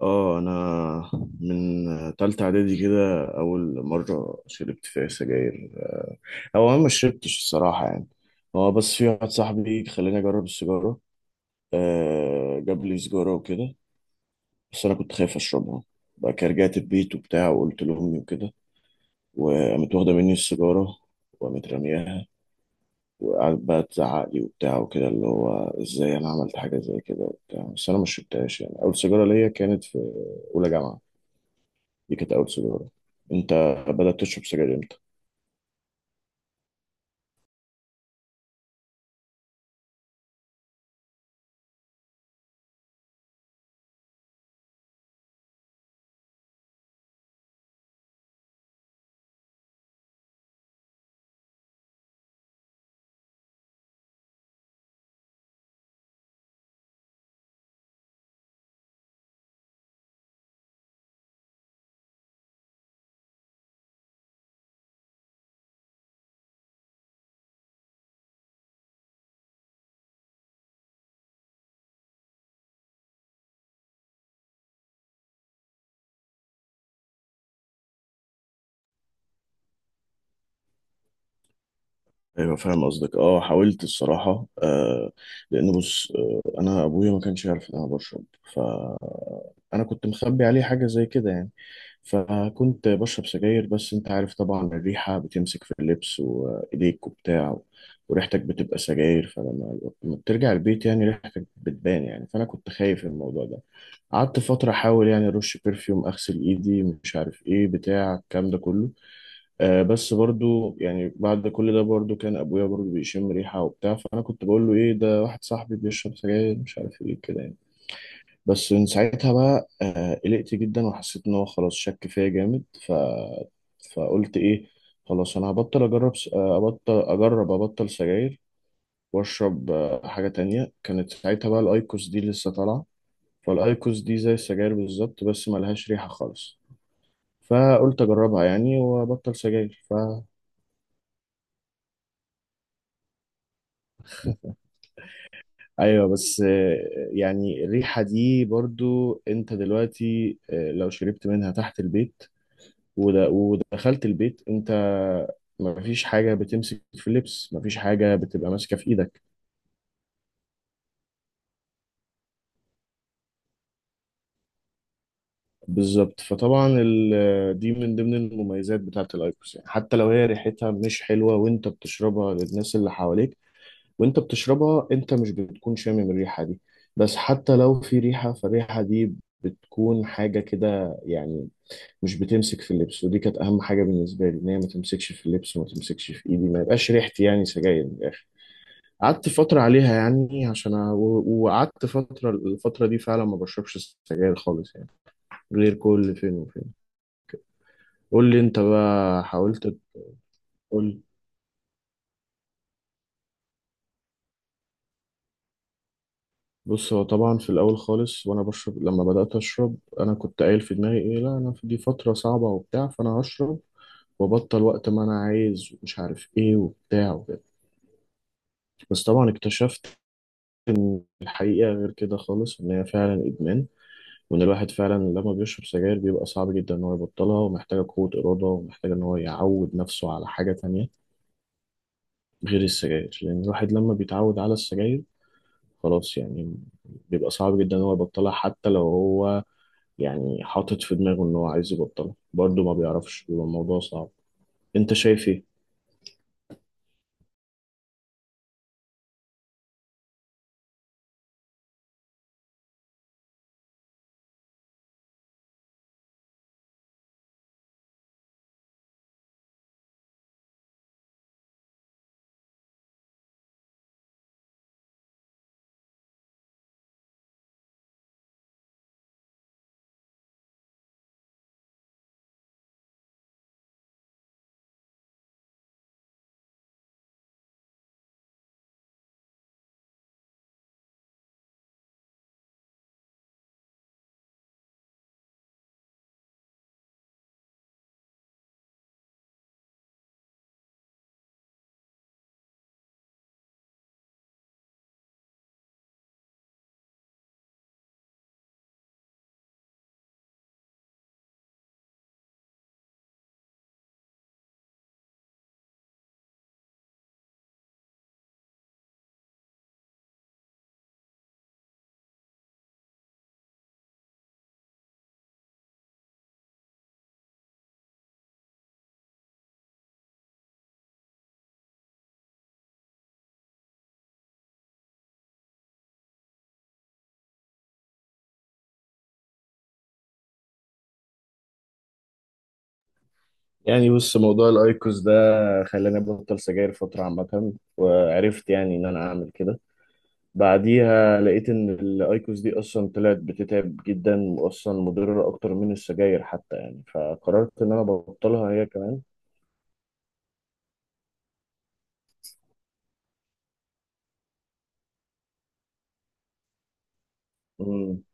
اه انا من تالتة اعدادي كده، اول مرة شربت فيها سجاير. او انا ما شربتش الصراحة، يعني هو بس في واحد صاحبي خلاني اجرب السيجارة. آه، جاب لي سيجارة وكده، بس انا كنت خايف اشربها. بقى كده رجعت البيت وبتاع وقلت لامي وكده، وقامت واخدة مني السيجارة وقامت رمياها، وقعدت بقى تزعق لي وبتاع وكده، اللي هو ازاي انا عملت حاجة زي كده وبتاع. بس انا ما شربتهاش، يعني اول سيجارة ليا كانت في اولى جامعة. دي كانت أول سيجارة. أنت بدأت تشرب سجاير إمتى؟ أيوة فاهم قصدك. أه، حاولت الصراحة. آه، لأن بص، آه، أنا أبويا ما كانش يعرف إن أنا بشرب، فأنا كنت مخبي عليه حاجة زي كده يعني. فكنت بشرب سجاير، بس أنت عارف طبعا الريحة بتمسك في اللبس وإيديك وبتاع، وريحتك بتبقى سجاير. فلما بترجع البيت يعني ريحتك بتبان يعني، فأنا كنت خايف من الموضوع ده. قعدت فترة أحاول، يعني أرش برفيوم، أغسل إيدي، مش عارف إيه، بتاع الكلام ده كله. آه، بس برضو يعني بعد كل ده برضو كان ابويا برضو بيشم ريحه وبتاع، فانا كنت بقول له ايه ده واحد صاحبي بيشرب سجاير مش عارف ايه كده يعني. بس من ساعتها بقى، آه، قلقت جدا وحسيت ان هو خلاص شك فيا جامد. فقلت ايه، خلاص انا هبطل اجرب ابطل ابطل سجاير. واشرب، حاجه تانية. كانت ساعتها بقى الايكوس دي لسه طالعه، فالايكوس دي زي السجاير بالظبط بس ملهاش ريحه خالص. فقلت اجربها يعني وابطل سجاير. ايوه، بس يعني الريحه دي برضو، انت دلوقتي لو شربت منها تحت البيت ود- ودخلت البيت، انت مفيش حاجه بتمسك في اللبس، مفيش حاجه بتبقى ماسكه في ايدك. بالظبط. فطبعا دي من ضمن المميزات بتاعه الايكوس، يعني حتى لو هي ريحتها مش حلوه وانت بتشربها، للناس اللي حواليك وانت بتشربها انت مش بتكون شامم الريحه دي. بس حتى لو في ريحه، فالريحه دي بتكون حاجه كده يعني، مش بتمسك في اللبس. ودي كانت اهم حاجه بالنسبه لي، ان هي ما تمسكش في اللبس وما تمسكش في ايدي، ما يبقاش ريحتي يعني سجاير من الاخر. قعدت فتره عليها يعني، عشان أ... و- وقعدت فتره. الفتره دي فعلا ما بشربش سجاير خالص يعني، غير كل فين وفين. قول لي انت بقى، حاولت تقول، بص هو طبعا في الاول خالص، وانا بشرب لما بدات اشرب انا كنت قايل في دماغي ايه، لا انا في دي فتره صعبه وبتاع، فانا هشرب وبطل وقت ما انا عايز ومش عارف ايه وبتاع وكده. بس طبعا اكتشفت إن الحقيقة غير كده خالص، إن هي فعلا إدمان، وإن الواحد فعلا لما بيشرب سجاير بيبقى صعب جدا إن هو يبطلها، ومحتاجة قوة إرادة، ومحتاجة إن هو يعود نفسه على حاجة تانية غير السجاير. لأن الواحد لما بيتعود على السجاير خلاص يعني، بيبقى صعب جدا إن هو يبطلها. حتى لو هو يعني حاطط في دماغه إن هو عايز يبطلها، برضه ما بيعرفش، بيبقى الموضوع صعب. أنت شايف إيه؟ يعني بص، موضوع الأيكوس ده خلاني أبطل سجاير فترة عامة، وعرفت يعني إن أنا أعمل كده. بعديها لقيت ان الايكوس دي اصلا طلعت بتتعب جدا، واصلا مضره اكتر من السجاير حتى يعني، فقررت ان انا ابطلها هي كمان. امم،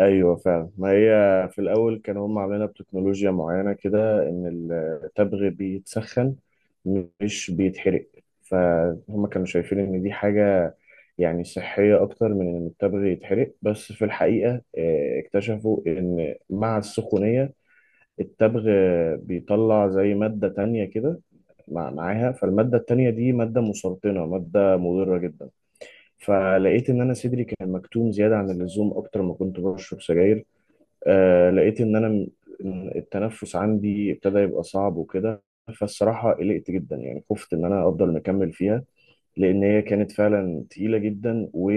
ايوه فعلا. ما هي في الاول كانوا هم عاملينها بتكنولوجيا معينه كده، ان التبغ بيتسخن مش بيتحرق. فهم كانوا شايفين ان دي حاجه يعني صحيه اكتر من ان التبغ يتحرق. بس في الحقيقه، اكتشفوا ان مع السخونيه التبغ بيطلع زي مادة تانية كده معاها. فالمادة التانية دي مادة مسرطنة، مادة مضرة جدا. فلقيت إن أنا صدري كان مكتوم زيادة عن اللزوم أكتر ما كنت بشرب سجاير. آه، لقيت إن إن التنفس عندي ابتدى يبقى صعب وكده. فالصراحة قلقت جدا يعني، خفت إن أنا أفضل مكمل فيها، لان هي كانت فعلا تقيله جدا. و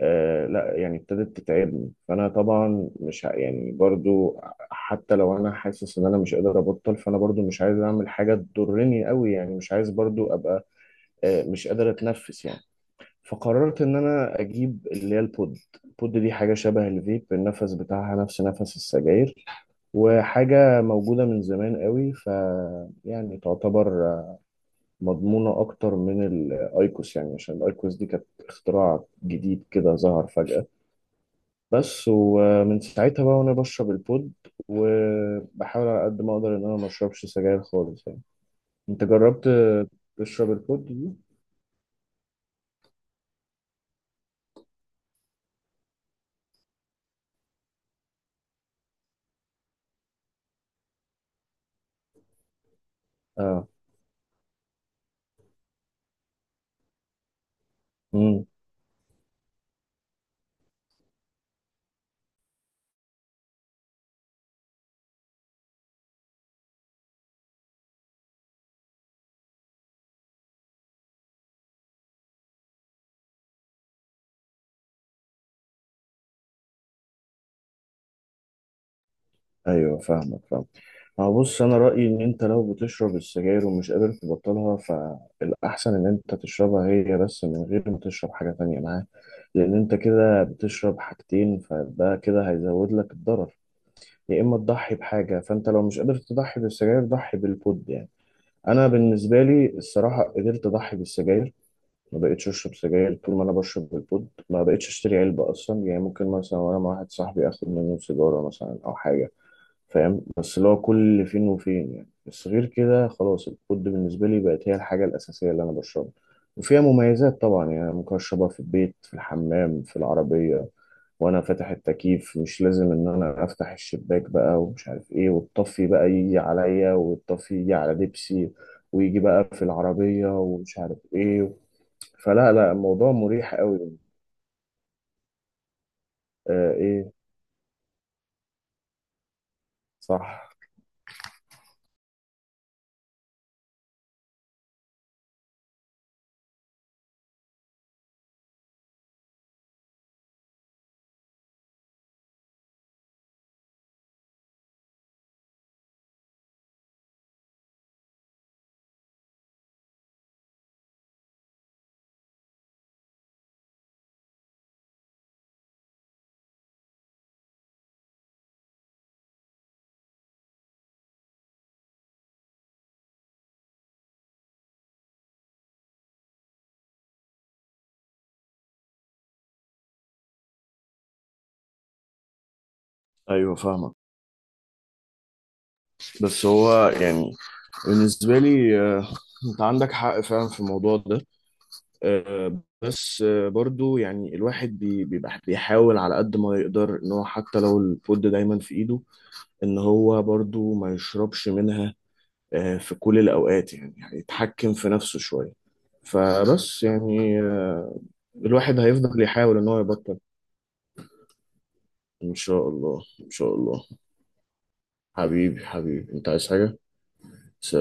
لا يعني ابتدت تتعبني. فانا طبعا مش ه- يعني برضو حتى لو انا حاسس ان انا مش قادر ابطل، فانا برضو مش عايز اعمل حاجه تضرني قوي يعني، مش عايز برضو ابقى، آه، مش قادر اتنفس يعني. فقررت ان انا اجيب اللي هي البود. البود دي حاجه شبه الفيب، النفس بتاعها نفس نفس السجاير، وحاجه موجوده من زمان قوي. يعني تعتبر مضمونة أكتر من الأيكوس، يعني عشان الأيكوس دي كانت اختراع جديد كده ظهر فجأة بس. ومن ساعتها بقى وأنا بشرب البود، وبحاول على قد ما أقدر إن أنا ما أشربش سجاير خالص يعني. أنت جربت تشرب البود دي؟ آه، ايوه فاهمك، فاهم. هو بص، انا رايي ان انت لو بتشرب السجاير ومش قادر تبطلها، فالاحسن ان انت تشربها هي بس من غير ما تشرب حاجه تانية معاها. لان انت كده بتشرب حاجتين، فده كده هيزود لك الضرر. يا اما تضحي بحاجه، فانت لو مش قادر تضحي بالسجاير، ضحي بالبود يعني. انا بالنسبه لي الصراحه قدرت اضحي بالسجاير. ما بقتش اشرب سجاير طول ما انا بشرب بالبود، ما بقتش اشتري علبه اصلا يعني. ممكن مثلا وانا مع واحد صاحبي اخد منه سيجاره مثلا او حاجه، فاهم، بس اللي هو كل فين وفين يعني. بس غير كده خلاص، الكود بالنسبة لي بقت هي الحاجة الأساسية اللي أنا بشربها. وفيها مميزات طبعا يعني، أنا ممكن أشربها في البيت، في الحمام، في العربية، وأنا فاتح التكييف. مش لازم إن أنا أفتح الشباك بقى ومش عارف إيه، والطفي بقى يجي عليا، والطفي يجي على دبسي ويجي بقى في العربية ومش عارف إيه. فلا لا، الموضوع مريح قوي. آه، إيه، صح. ايوه فاهمك. بس هو يعني بالنسبة لي، انت عندك حق فعلا في الموضوع ده. بس برضو يعني الواحد بيبقى بيحاول على قد ما يقدر ان هو حتى لو الفود دايما في ايده، ان هو برضو ما يشربش منها، في كل الاوقات يعني، يعني يتحكم في نفسه شوية. فبس يعني آه، الواحد هيفضل يحاول ان هو يبطل. ان شاء الله، ان شاء الله. حبيبي حبيبي، انت عايز حاجة؟